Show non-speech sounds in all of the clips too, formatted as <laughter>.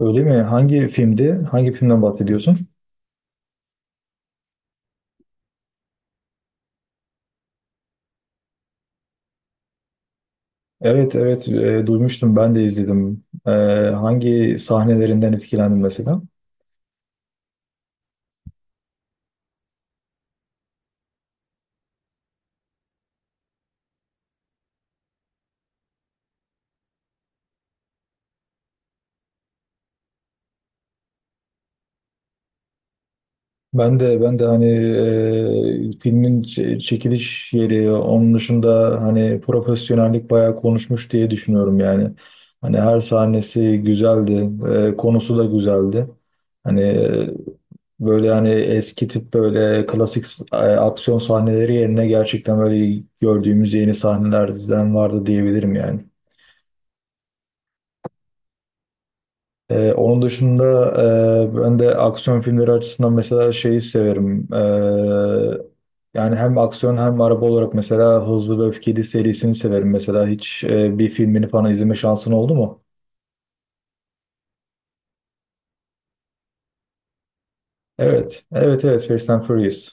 Öyle mi? Hangi filmdi? Hangi filmden bahsediyorsun? Evet, evet, duymuştum ben de izledim. Hangi sahnelerinden etkilendin mesela? Ben de hani filmin çekiliş yeri, onun dışında hani profesyonellik bayağı konuşmuş diye düşünüyorum yani. Hani her sahnesi güzeldi, konusu da güzeldi. Hani, böyle hani eski tip böyle klasik aksiyon sahneleri yerine gerçekten böyle gördüğümüz yeni sahnelerden vardı diyebilirim yani. Onun dışında ben de aksiyon filmleri açısından mesela şeyi severim. Yani hem aksiyon hem araba olarak mesela Hızlı ve Öfkeli serisini severim. Mesela hiç bir filmini falan izleme şansın oldu mu? Evet, evet, evet. Fast and Furious.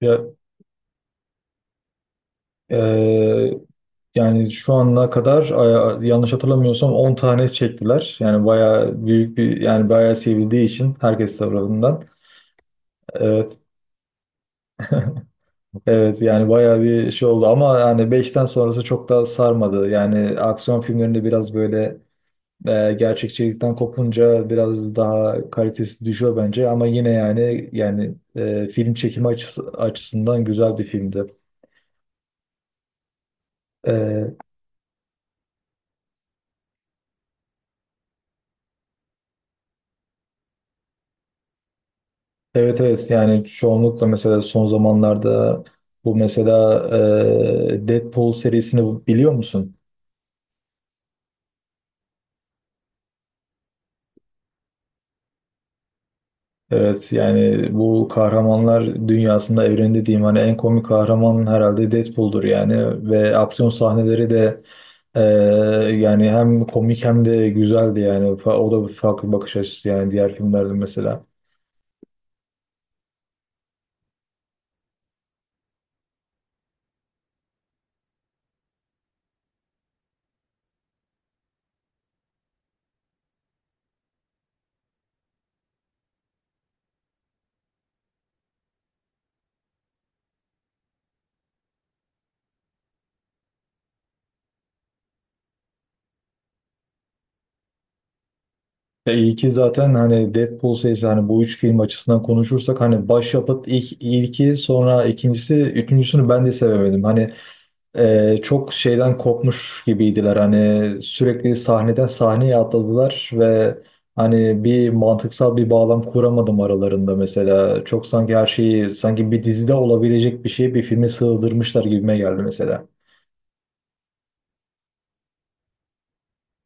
Ya, e, yani şu ana kadar yanlış hatırlamıyorsam 10 tane çektiler. Yani bayağı büyük bir, yani bayağı sevildiği için herkes tarafından. Ee, Evet, yani bayağı bir şey oldu ama yani beşten sonrası çok da sarmadı. Yani aksiyon filmlerinde biraz böyle gerçekçilikten kopunca biraz daha kalitesi düşüyor bence ama yine yani film çekimi açısından güzel bir filmdi. E, evet, evet, yani çoğunlukla mesela son zamanlarda bu mesela Deadpool serisini biliyor musun? Evet, yani bu kahramanlar dünyasında, evreni diyeyim, hani en komik kahraman herhalde Deadpool'dur yani. Ve aksiyon sahneleri de e, yani hem komik hem de güzeldi yani. O da bir farklı bakış açısı yani diğer filmlerden mesela. Ya iyi ki zaten hani Deadpool serisi hani bu üç film açısından konuşursak hani başyapıt ilki, sonra ikincisi, üçüncüsünü ben de sevemedim. Hani, çok şeyden kopmuş gibiydiler, hani sürekli sahneden sahneye atladılar ve hani bir mantıksal bir bağlam kuramadım aralarında, mesela çok sanki her şeyi, sanki bir dizide olabilecek bir şeyi bir filme sığdırmışlar gibime geldi mesela.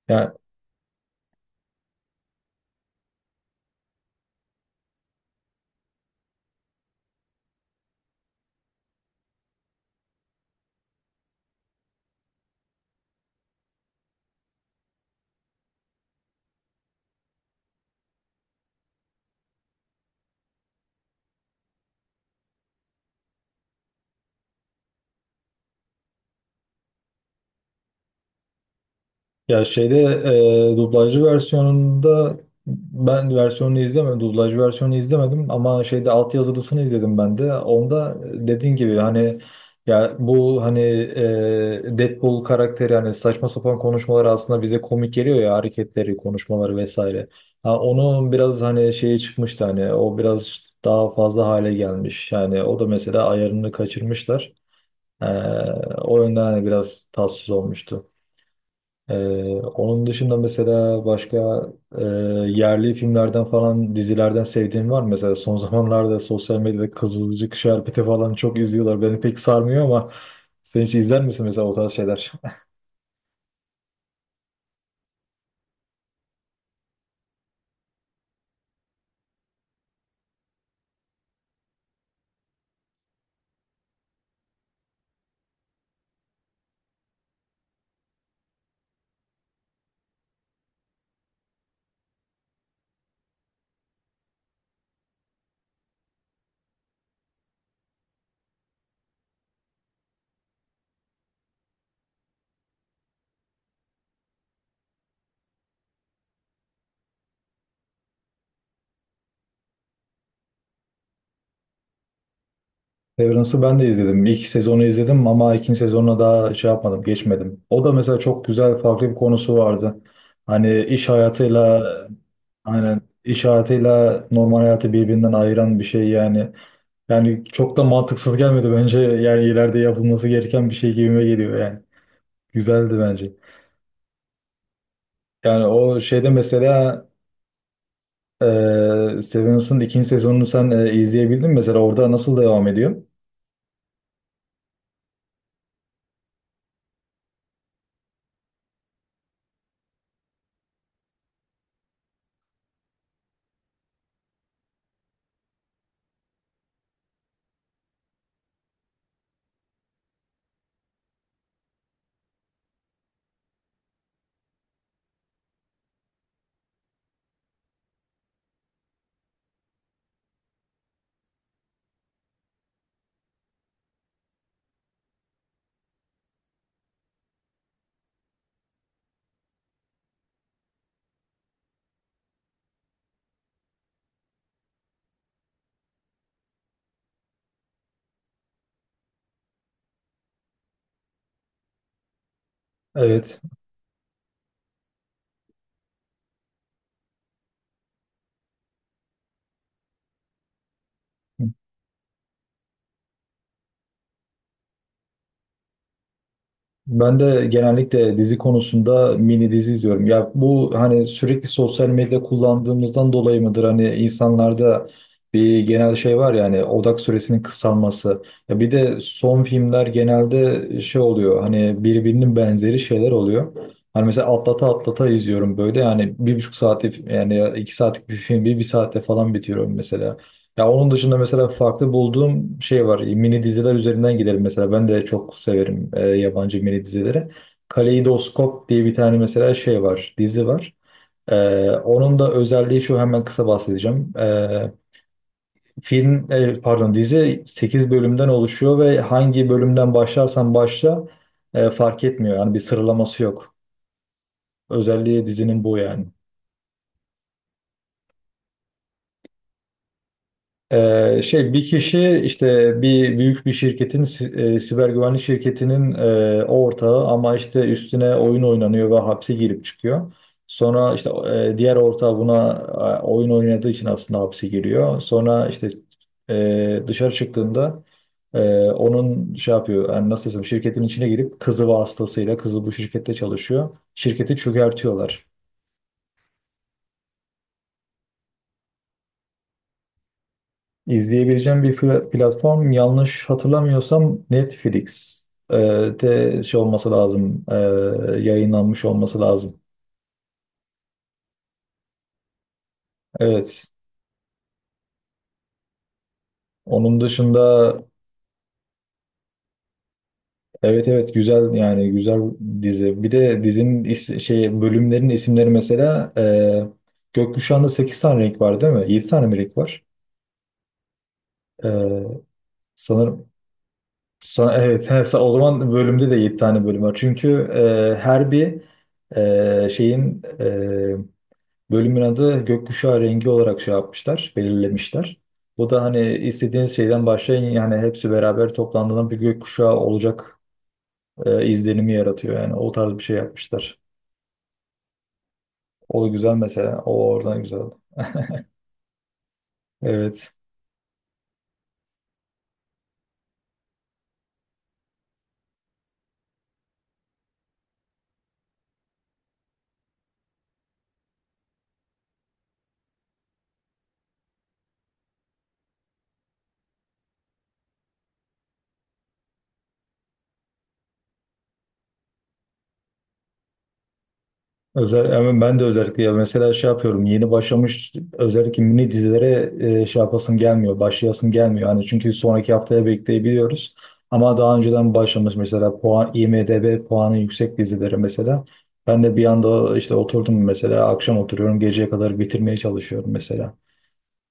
Yani, ya şeyde, dublajlı versiyonunda, ben versiyonunu izlemedim. Dublajlı versiyonunu izlemedim ama şeyde altyazılısını izledim ben de. Onda, dediğin gibi hani, ya bu hani Deadpool karakteri hani saçma sapan konuşmaları aslında bize komik geliyor ya, hareketleri, konuşmaları vesaire. Ha, onun biraz hani şeyi çıkmıştı hani, o biraz daha fazla hale gelmiş. Yani o da mesela ayarını kaçırmışlar. E, O yönden hani biraz tatsız olmuştu. Ee, Onun dışında mesela başka e, yerli filmlerden falan, dizilerden sevdiğin var mı? Mesela son <laughs> zamanlarda sosyal medyada Kızılcık, Şerbeti falan çok izliyorlar. Beni pek sarmıyor ama sen hiç izler misin mesela o tarz şeyler? Severance'ı ben de izledim. İlk sezonu izledim ama ikinci sezonuna daha şey yapmadım, geçmedim. O da mesela çok güzel, farklı bir konusu vardı. Hani iş hayatıyla Aynen, iş hayatıyla normal hayatı birbirinden ayıran bir şey yani. Yani çok da mantıksız gelmedi bence. Yani ileride yapılması gereken bir şey gibime geliyor yani. Güzeldi bence. Yani o şeyde mesela, Ee, Severance'ın ikinci sezonunu sen izleyebildin mi? Mesela orada nasıl devam ediyor? Evet. Ben de genellikle dizi konusunda mini dizi izliyorum. Ya bu hani sürekli sosyal medya kullandığımızdan dolayı mıdır? Hani insanlarda bir genel şey var ya, hani odak süresinin kısalması. Ya bir de son filmler genelde şey oluyor. Hani birbirinin benzeri şeyler oluyor. Hani mesela atlata atlata izliyorum böyle. Yani 1,5 saati, yani 2 saatlik bir film bir saatte falan bitiriyorum mesela. Ya onun dışında mesela farklı bulduğum şey var. Mini diziler üzerinden gidelim mesela. Ben de çok severim yabancı mini dizileri. Kaleidoskop diye bir tane mesela şey var, dizi var. Onun da özelliği şu, hemen kısa bahsedeceğim. Film, pardon, dizi 8 bölümden oluşuyor ve hangi bölümden başlarsan başla fark etmiyor. Yani bir sıralaması yok. Özelliği dizinin bu yani. Şey, bir kişi işte bir büyük bir şirketin, siber güvenlik şirketinin ortağı, ama işte üstüne oyun oynanıyor ve hapse girip çıkıyor. Sonra işte diğer ortağı buna oyun oynadığı için aslında hapse giriyor. Sonra işte dışarı çıktığında onun şey yapıyor, yani nasıl desem, şirketin içine girip kızı vasıtasıyla, kızı bu şirkette çalışıyor. Şirketi çökertiyorlar. İzleyebileceğim bir platform, yanlış hatırlamıyorsam Netflix e, de şey olması lazım, yayınlanmış olması lazım. Evet. Onun dışında evet, evet, güzel yani güzel dizi. Bir de dizinin şey, bölümlerin isimleri mesela, Gökkuşağı'nda 8 tane renk var değil mi? 7 tane mi renk var? E, Sanırım, evet, <laughs> he, o zaman bölümde de 7 tane bölüm var. Çünkü her bir şeyin, bölümün adı gökkuşağı rengi olarak şey yapmışlar, belirlemişler. Bu da hani istediğiniz şeyden başlayın, yani hepsi beraber toplandığında bir gökkuşağı olacak izlenimi yaratıyor. Yani o tarz bir şey yapmışlar. O güzel mesela. O oradan güzel. Evet. Yani ben de özellikle, ya mesela şey yapıyorum, yeni başlamış özellikle mini dizilere şey yapasım gelmiyor, başlayasım gelmiyor hani, çünkü sonraki haftaya bekleyebiliyoruz, ama daha önceden başlamış mesela IMDb puanı yüksek dizileri mesela, ben de bir anda işte oturdum mesela, akşam oturuyorum, geceye kadar bitirmeye çalışıyorum mesela,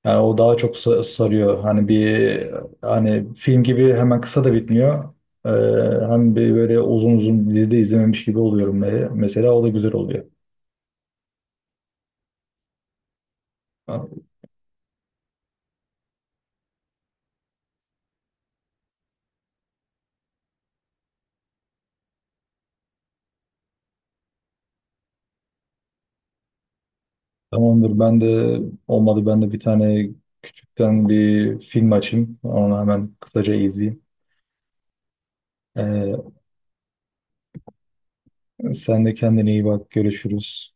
yani o daha çok sarıyor hani, bir hani film gibi hemen kısa da bitmiyor. Ee, hem bir böyle uzun uzun dizide izlememiş gibi oluyorum, mesela o da güzel oluyor. Tamamdır. Ben de, olmadı, ben de bir tane küçükten bir film açayım. Onu hemen kısaca izleyeyim. Ee, sen de kendine iyi bak. Görüşürüz.